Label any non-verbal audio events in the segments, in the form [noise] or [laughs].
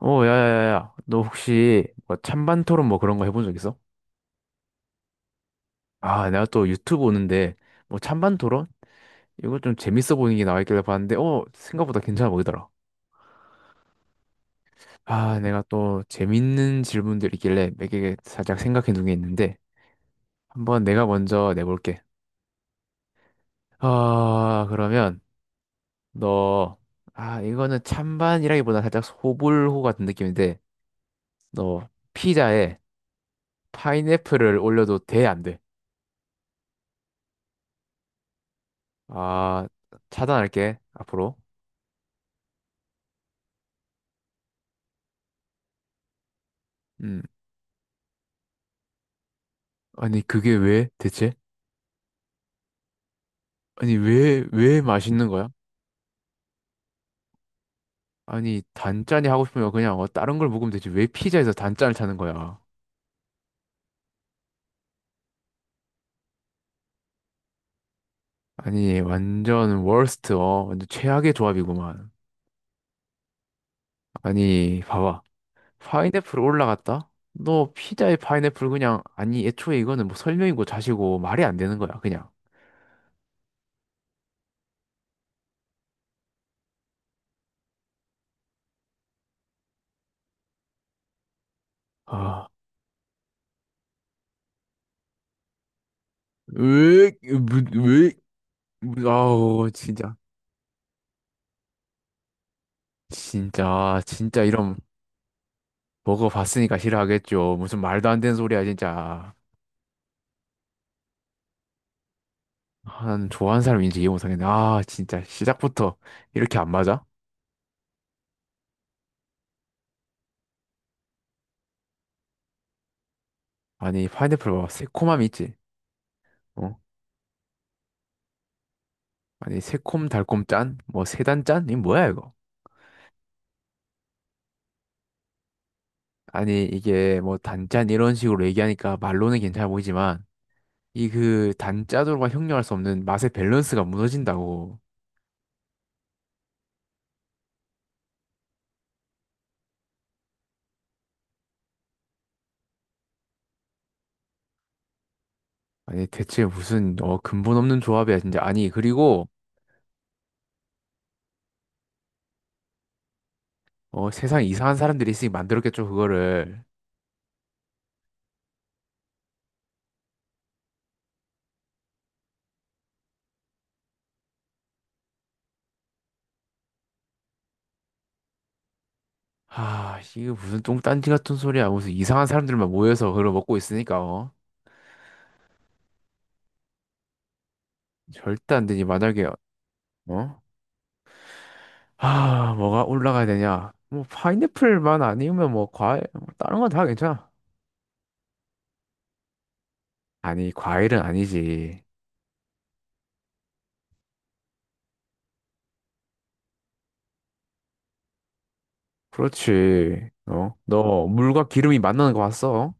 야야야야. 너 혹시 뭐 찬반 토론 뭐 그런 거 해본 적 있어? 아, 내가 또 유튜브 오는데 뭐 찬반 토론? 이거 좀 재밌어 보이는 게 나와 있길래 봤는데 생각보다 괜찮아 보이더라. 아, 내가 또 재밌는 질문들 있길래 몇 개 살짝 생각해 둔 게 있는데 한번 내가 먼저 내볼게. 아, 그러면 너 아, 이거는 찬반이라기보다 살짝 소불호 같은 느낌인데 너 피자에 파인애플을 올려도 돼, 안 돼? 아, 차단할게. 앞으로. 음. 아니, 그게 왜 대체? 아니, 왜, 왜 맛있는 거야? 아니, 단짠이 하고 싶으면 그냥 다른 걸 먹으면 되지. 왜 피자에서 단짠을 찾는 거야? 아니, 완전 워스트, 완전 최악의 조합이구만. 아니, 봐봐. 파인애플 올라갔다? 너 피자에 파인애플 그냥, 아니, 애초에 이거는 뭐 설명이고 자시고 말이 안 되는 거야, 그냥. 아, 왜, 왜, 왜, 아우, 진짜. 진짜, 진짜 이런 먹어봤으니까 싫어하겠죠. 무슨 말도 안 되는 소리야, 진짜. 한 좋아하는 사람인지 이해 못하겠네. 아 진짜 시작부터 이렇게 안 맞아? 아니 파인애플 봐봐 새콤함이 있지. 어? 아니 새콤 달콤 짠? 뭐 세단 짠? 이 뭐야 이거? 아니 이게 뭐 단짠 이런 식으로 얘기하니까 말로는 괜찮아 보이지만 이 그 단짜조로가 형용할 수 없는 맛의 밸런스가 무너진다고. 아니 대체 무슨 어 근본 없는 조합이야 진짜. 아니 그리고 어 세상 이상한 사람들이 있으니 만들었겠죠 그거를. 하, 이게 무슨 똥딴지 같은 소리야. 무슨 이상한 사람들만 모여서 그걸 먹고 있으니까, 어. 절대 안 되지. 만약에 어? 아, 뭐가 올라가야 되냐? 뭐 파인애플만 아니면 뭐 과일 뭐 다른 건 다 괜찮아. 아니, 과일은 아니지. 그렇지. 어? 너 물과 기름이 만나는 거 봤어?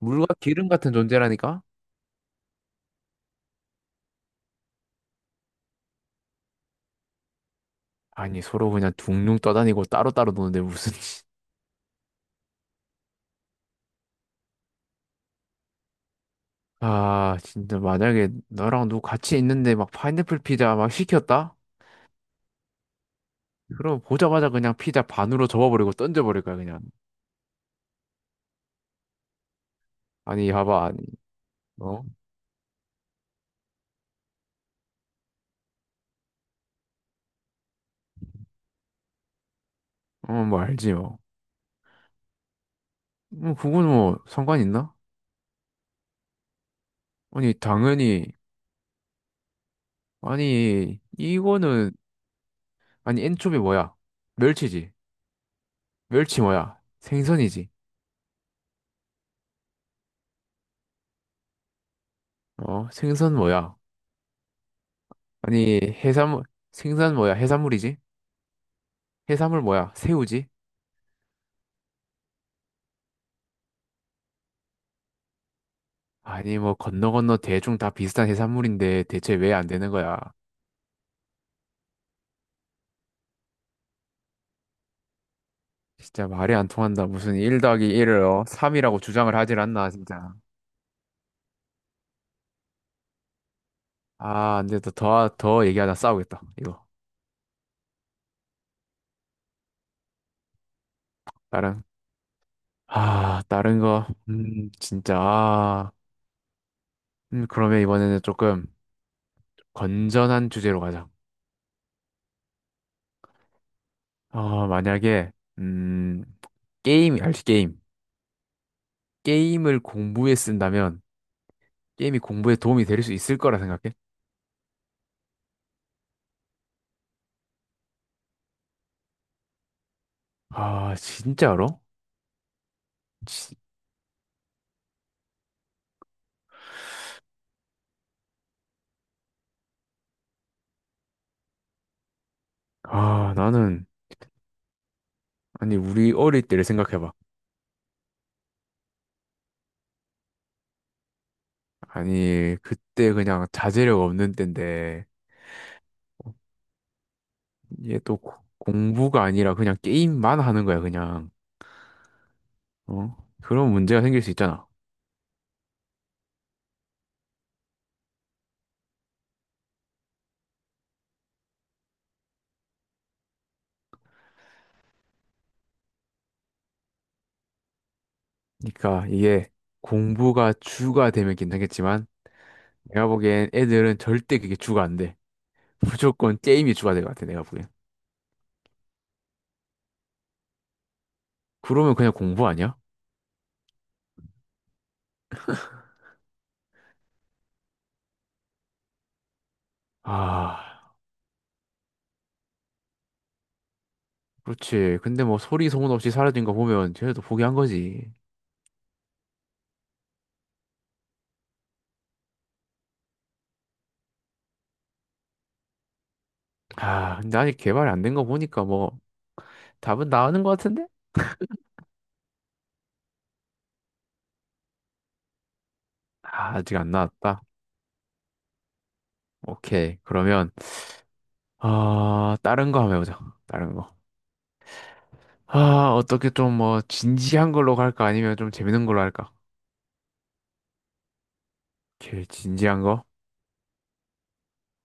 물과 기름 같은 존재라니까? 아니, 서로 그냥 둥둥 떠다니고 따로따로 노는데 무슨 [laughs] 아, 진짜 만약에 너랑 누구 같이 있는데 막 파인애플 피자 막 시켰다? 그럼 보자마자 그냥 피자 반으로 접어버리고 던져버릴 거야, 그냥. 아니, 봐봐, 아니, 어? 뭐 알지, 뭐. 뭐 그건 뭐 상관 있나? 아니 당연히 아니 이거는 아니 엔초비 뭐야? 멸치지. 멸치 뭐야? 생선이지. 어 생선 뭐야? 아니 해산물 생선 뭐야? 해산물이지. 해산물 뭐야? 새우지. 아니 뭐 건너 건너 대충 다 비슷한 해산물인데 대체 왜 안 되는 거야? 진짜 말이 안 통한다. 무슨 1 더하기 1을 어? 3이라고 주장을 하질 않나 진짜. 아, 근데 더더 얘기하다 싸우겠다. 이거. 나랑 아, 다른 거, 진짜, 아, 그러면 이번에는 조금 건전한 주제로 가자. 아, 만약에, 음, 게임, 알지, 게임. 게임을 공부에 쓴다면, 게임이 공부에 도움이 될 수 있을 거라 생각해? 아, 진짜로? 지- 아, 나는, 아니, 우리 어릴 때를 생각해봐. 아니, 그때 그냥 자제력 없는 때인데, 이게 또 공부가 아니라 그냥 게임만 하는 거야, 그냥. 어? 그런 문제가 생길 수 있잖아. 그러니까 이게 공부가 주가 되면 괜찮겠지만 내가 보기엔 애들은 절대 그게 주가 안 돼. [laughs] 무조건 게임이 주가 될 것 같아, 내가 보기엔. 그러면 그냥 공부 아니야? 아, 그렇지. 근데 뭐 소리 소문 없이 사라진 거 보면 쟤네도 포기한 거지. 아, 근데 아직 개발이 안 된 거 보니까 뭐 답은 나오는 것 같은데? 아, 아직 안 나왔다. 오케이. 그러면 아, 다른 거 한번 해보자. 다른 거. 아, 어떻게 좀 뭐 진지한 걸로 갈까? 아니면 좀 재밌는 걸로 할까? 오케이, 진지한 거.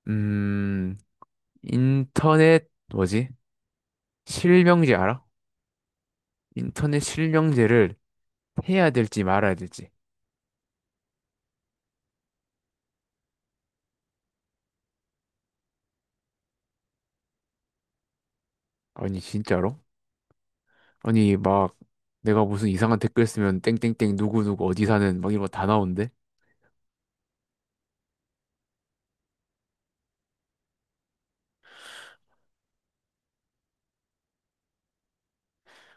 음, 인터넷, 뭐지? 실명제 알아? 인터넷 실명제를 해야 될지 말아야 될지. 아니, 진짜로? 아니, 막, 내가 무슨 이상한 댓글 쓰면 땡땡땡 누구누구 어디 사는 막 이런 거 다 나오는데?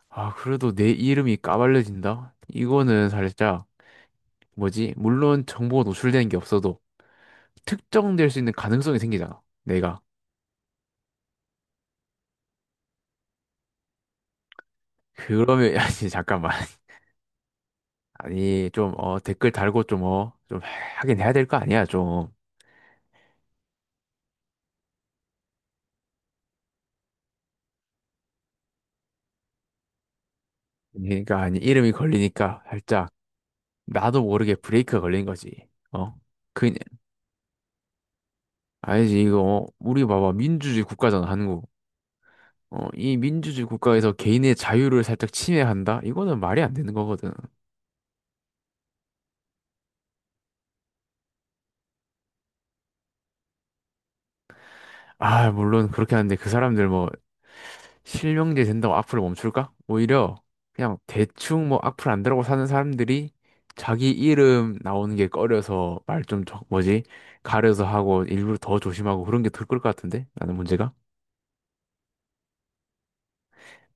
아, 그래도 내 이름이 까발려진다? 이거는 살짝, 뭐지? 물론 정보가 노출되는 게 없어도 특정될 수 있는 가능성이 생기잖아. 내가. 그러면, [laughs] 아니, 잠깐만. 아니, 좀, 댓글 달고 좀, 어, 좀 하긴 해야 될 거 아니야, 좀. 그러니까 아니 이름이 걸리니까 살짝 나도 모르게 브레이크가 걸린 거지. 어? 그냥 알지 이거 우리 봐봐 민주주의 국가잖아 한국. 이 민주주의 국가에서 개인의 자유를 살짝 침해한다? 이거는 말이 안 되는 거거든. 아, 물론 그렇게 하는데 그 사람들 뭐 실명제 된다고 악플을 멈출까? 오히려 그냥 대충 뭐 악플 안 달고 사는 사람들이 자기 이름 나오는 게 꺼려서 말 좀 뭐지? 가려서 하고 일부러 더 조심하고 그런 게 더 클 것 같은데? 나는 문제가?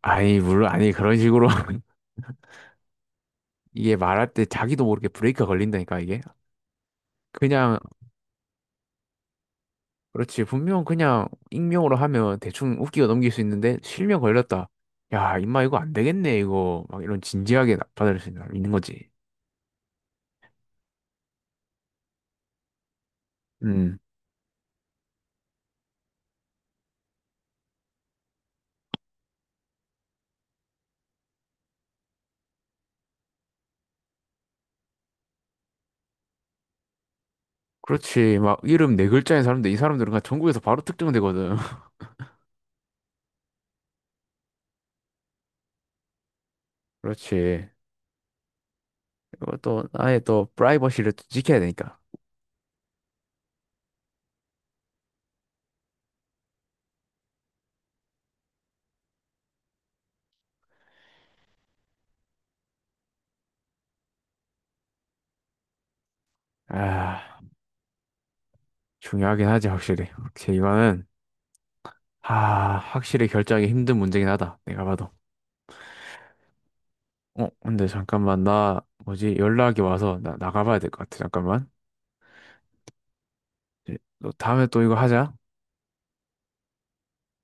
아니, 물론, 아니, 그런 식으로. [laughs] 이게 말할 때 자기도 모르게 브레이크가 걸린다니까, 이게. 그냥, 그렇지. 분명 그냥 익명으로 하면 대충 웃기고 넘길 수 있는데, 실명 걸렸다. 야, 임마, 이거 안 되겠네, 이거. 막 이런 진지하게 받아들일 수 있는 있는 거지. 음. 그렇지. 막 이름 네 글자인 사람들, 이 사람들은 그냥 전국에서 바로 특정되거든. [laughs] 그렇지. 이것도 아예 또 프라이버시를 또 지켜야 되니까. 아, 중요하긴 하지, 확실히. 오케이, 이거는, 아, 확실히 결정하기 힘든 문제긴 하다. 내가 봐도. 어, 근데 잠깐만, 나, 뭐지, 연락이 와서 나, 나가봐야 될 것 같아, 잠깐만. 이제 너 다음에 또 이거 하자.